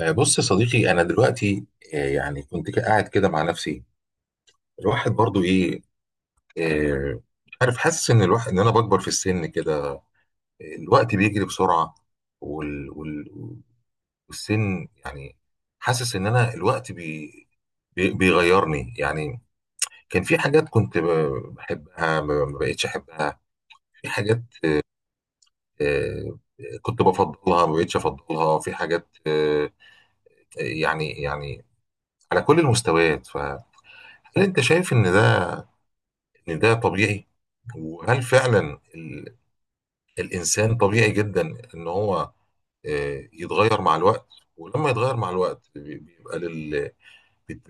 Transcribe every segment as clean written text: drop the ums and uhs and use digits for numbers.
بص يا صديقي، انا دلوقتي يعني كنت قاعد كده مع نفسي. الواحد برضو ايه. آه، مش عارف، حاسس ان انا بكبر في السن كده. الوقت بيجري بسرعه وال... وال... والسن يعني. حاسس ان انا الوقت بيغيرني يعني. كان في حاجات كنت بحبها ما بقتش احبها. في حاجات آه، كنت بفضلها، ما بقتش افضلها، في حاجات. يعني على كل المستويات. فهل انت شايف ان ده طبيعي؟ وهل فعلا الانسان طبيعي جدا ان هو يتغير مع الوقت؟ ولما يتغير مع الوقت بيبقى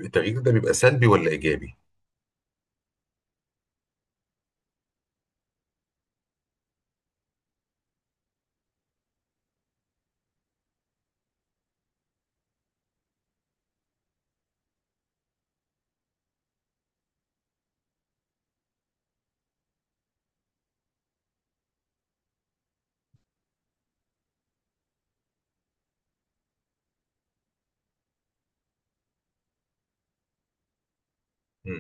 التغيير ده بيبقى سلبي ولا ايجابي؟ مم.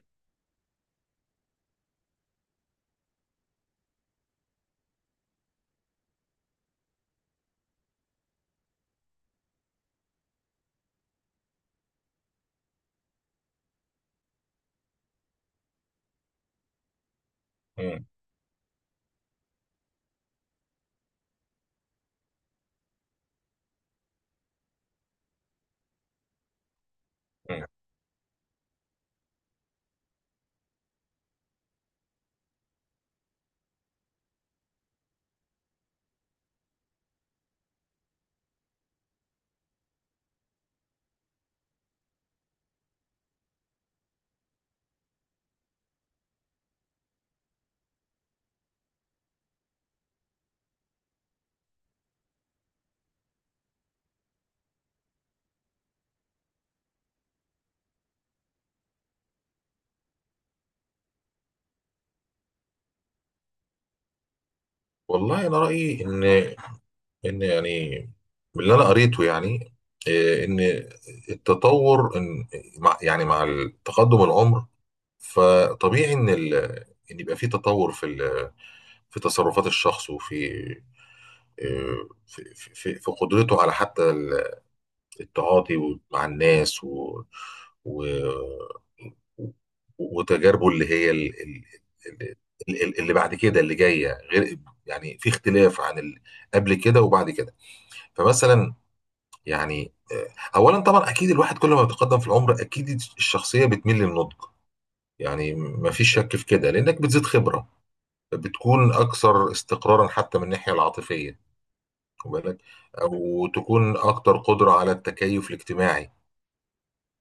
مم. مم. والله انا رايي ان يعني من اللي انا قريته يعني، ان التطور، ان مع تقدم العمر، فطبيعي ان يبقى في تطور في تصرفات الشخص، وفي في قدرته على حتى التعاطي مع الناس، و و وتجاربه اللي هي اللي بعد كده، اللي جايه غير. يعني في اختلاف قبل كده وبعد كده. فمثلا، يعني آه، اولا طبعا اكيد الواحد كل ما بيتقدم في العمر، اكيد الشخصيه بتميل للنضج. يعني ما فيش شك في كده، لانك بتزيد خبره، بتكون اكثر استقرارا حتى من الناحيه العاطفيه. وبالك وتكون اكتر قدره على التكيف الاجتماعي.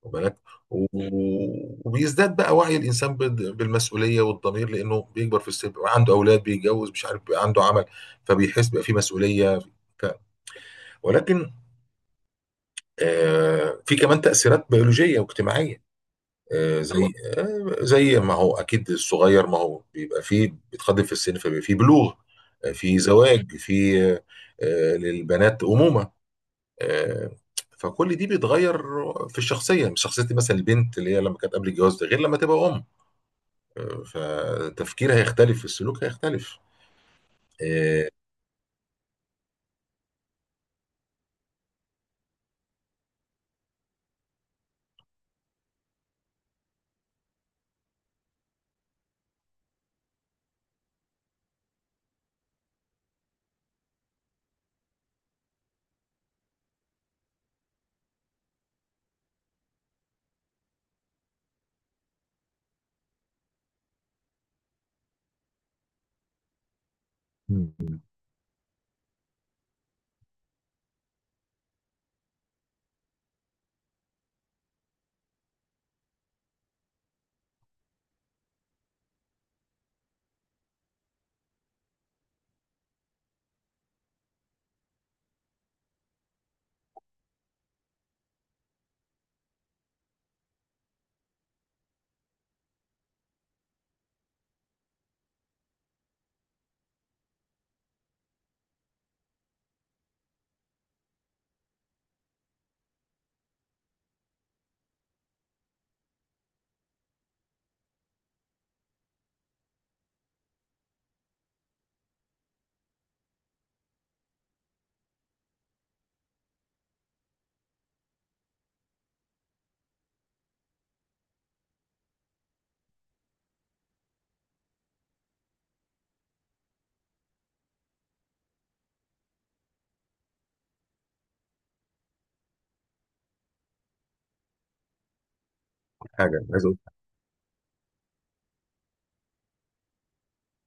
وبالك وبيزداد بقى وعي الانسان بالمسؤوليه والضمير، لانه بيكبر في السن، بيبقى عنده اولاد، بيتجوز، مش عارف، بيبقى عنده عمل. فبيحس بقى في مسؤوليه. ف- ولكن في كمان تاثيرات بيولوجيه واجتماعيه. طبعا آه، زي ما هو اكيد الصغير، ما هو بيبقى فيه بيتقدم في السن فبيبقى فيه بلوغ. في زواج، في آه، آه، للبنات امومه. آه، فكل دي بيتغير في الشخصيه. مش شخصيه مثلا البنت اللي هي لما كانت قبل الجواز، ده غير لما تبقى ام. فتفكيرها هيختلف، السلوك هيختلف. آه، مم. حاجه عايز اقول.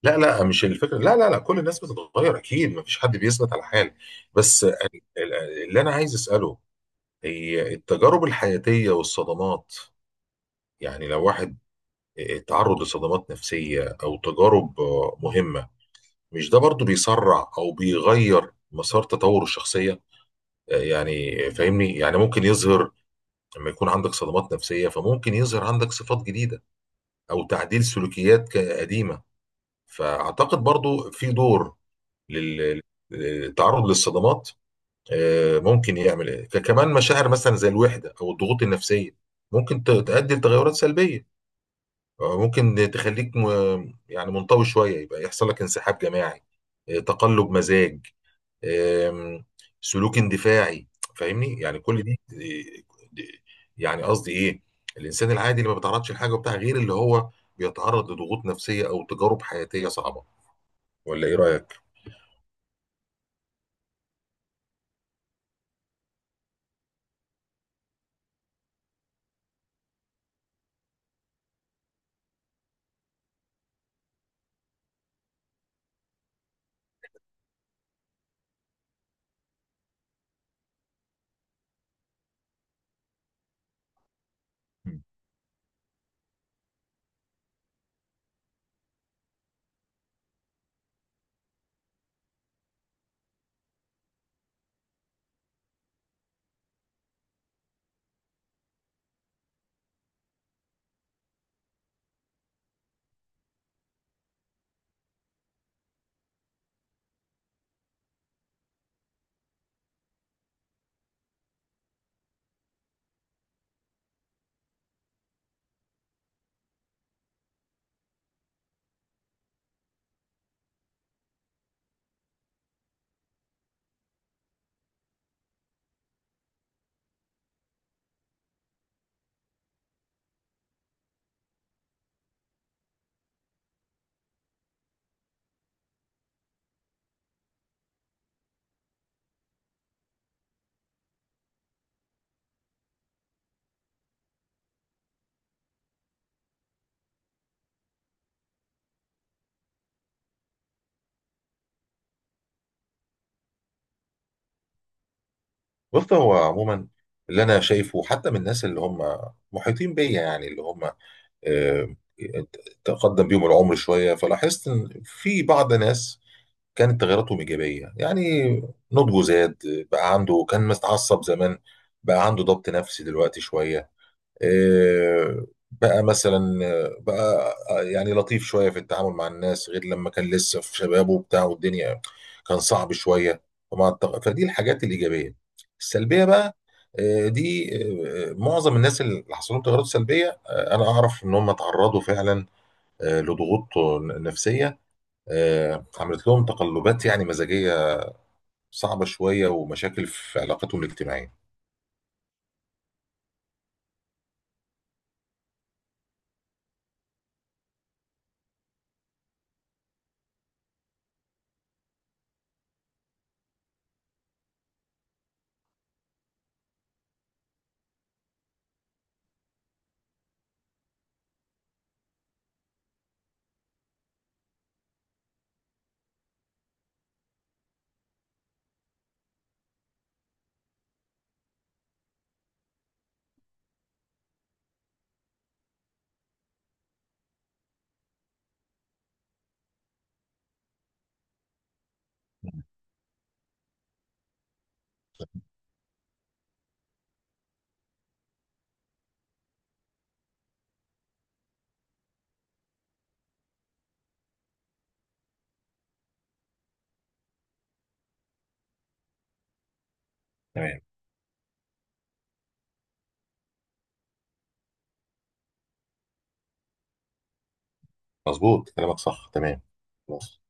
لا، لا، مش الفكره. لا، لا، لا، كل الناس بتتغير اكيد، ما فيش حد بيثبت على حال. بس ال- اللي انا عايز اساله هي التجارب الحياتيه والصدمات. يعني لو واحد اتعرض لصدمات نفسيه او تجارب مهمه، مش ده برضو بيسرع او بيغير مسار تطور الشخصيه؟ يعني فاهمني، يعني ممكن يظهر. لما يكون عندك صدمات نفسية، فممكن يظهر عندك صفات جديدة، أو تعديل سلوكيات قديمة. فأعتقد برضو في دور لل- للتعرض للصدمات. ممكن يعمل إيه. كمان مشاعر مثلا زي الوحدة أو الضغوط النفسية، ممكن تؤدي لتغيرات سلبية. ممكن تخليك يعني منطوي شوية، يبقى يحصل لك انسحاب جماعي، تقلب مزاج، آم، سلوك اندفاعي. فاهمني؟ يعني كل دي دي- يعني قصدي ايه، الانسان العادي اللي ما بيتعرضش لحاجه وبتاع، غير اللي هو بيتعرض لضغوط نفسيه او تجارب حياتيه صعبه. ولا ايه رايك؟ مم. بص، هو عموما اللي انا شايفه حتى من الناس اللي هم محيطين بيا، يعني اللي هم آه، تقدم بيهم العمر شويه، فلاحظت ان في بعض ناس كانت تغيراتهم ايجابيه. يعني نضجه زاد، بقى عنده، كان متعصب زمان، بقى عنده ضبط نفسي دلوقتي شويه. إيه، بقى مثلا بقى يعني لطيف شويه في التعامل مع الناس، غير لما كان لسه في شبابه وبتاع والدنيا كان صعب شويه. فدي الحاجات الايجابيه. السلبيه بقى، إيه، دي، إيه، معظم الناس اللي حصل لهم تغيرات سلبيه، انا اعرف ان هم تعرضوا فعلا لضغوط نفسيه عملت لهم تقلبات يعني مزاجية صعبة شوية، ومشاكل في علاقتهم الاجتماعية. تمام، مظبوط كلامك، صح، تمام. خلاص.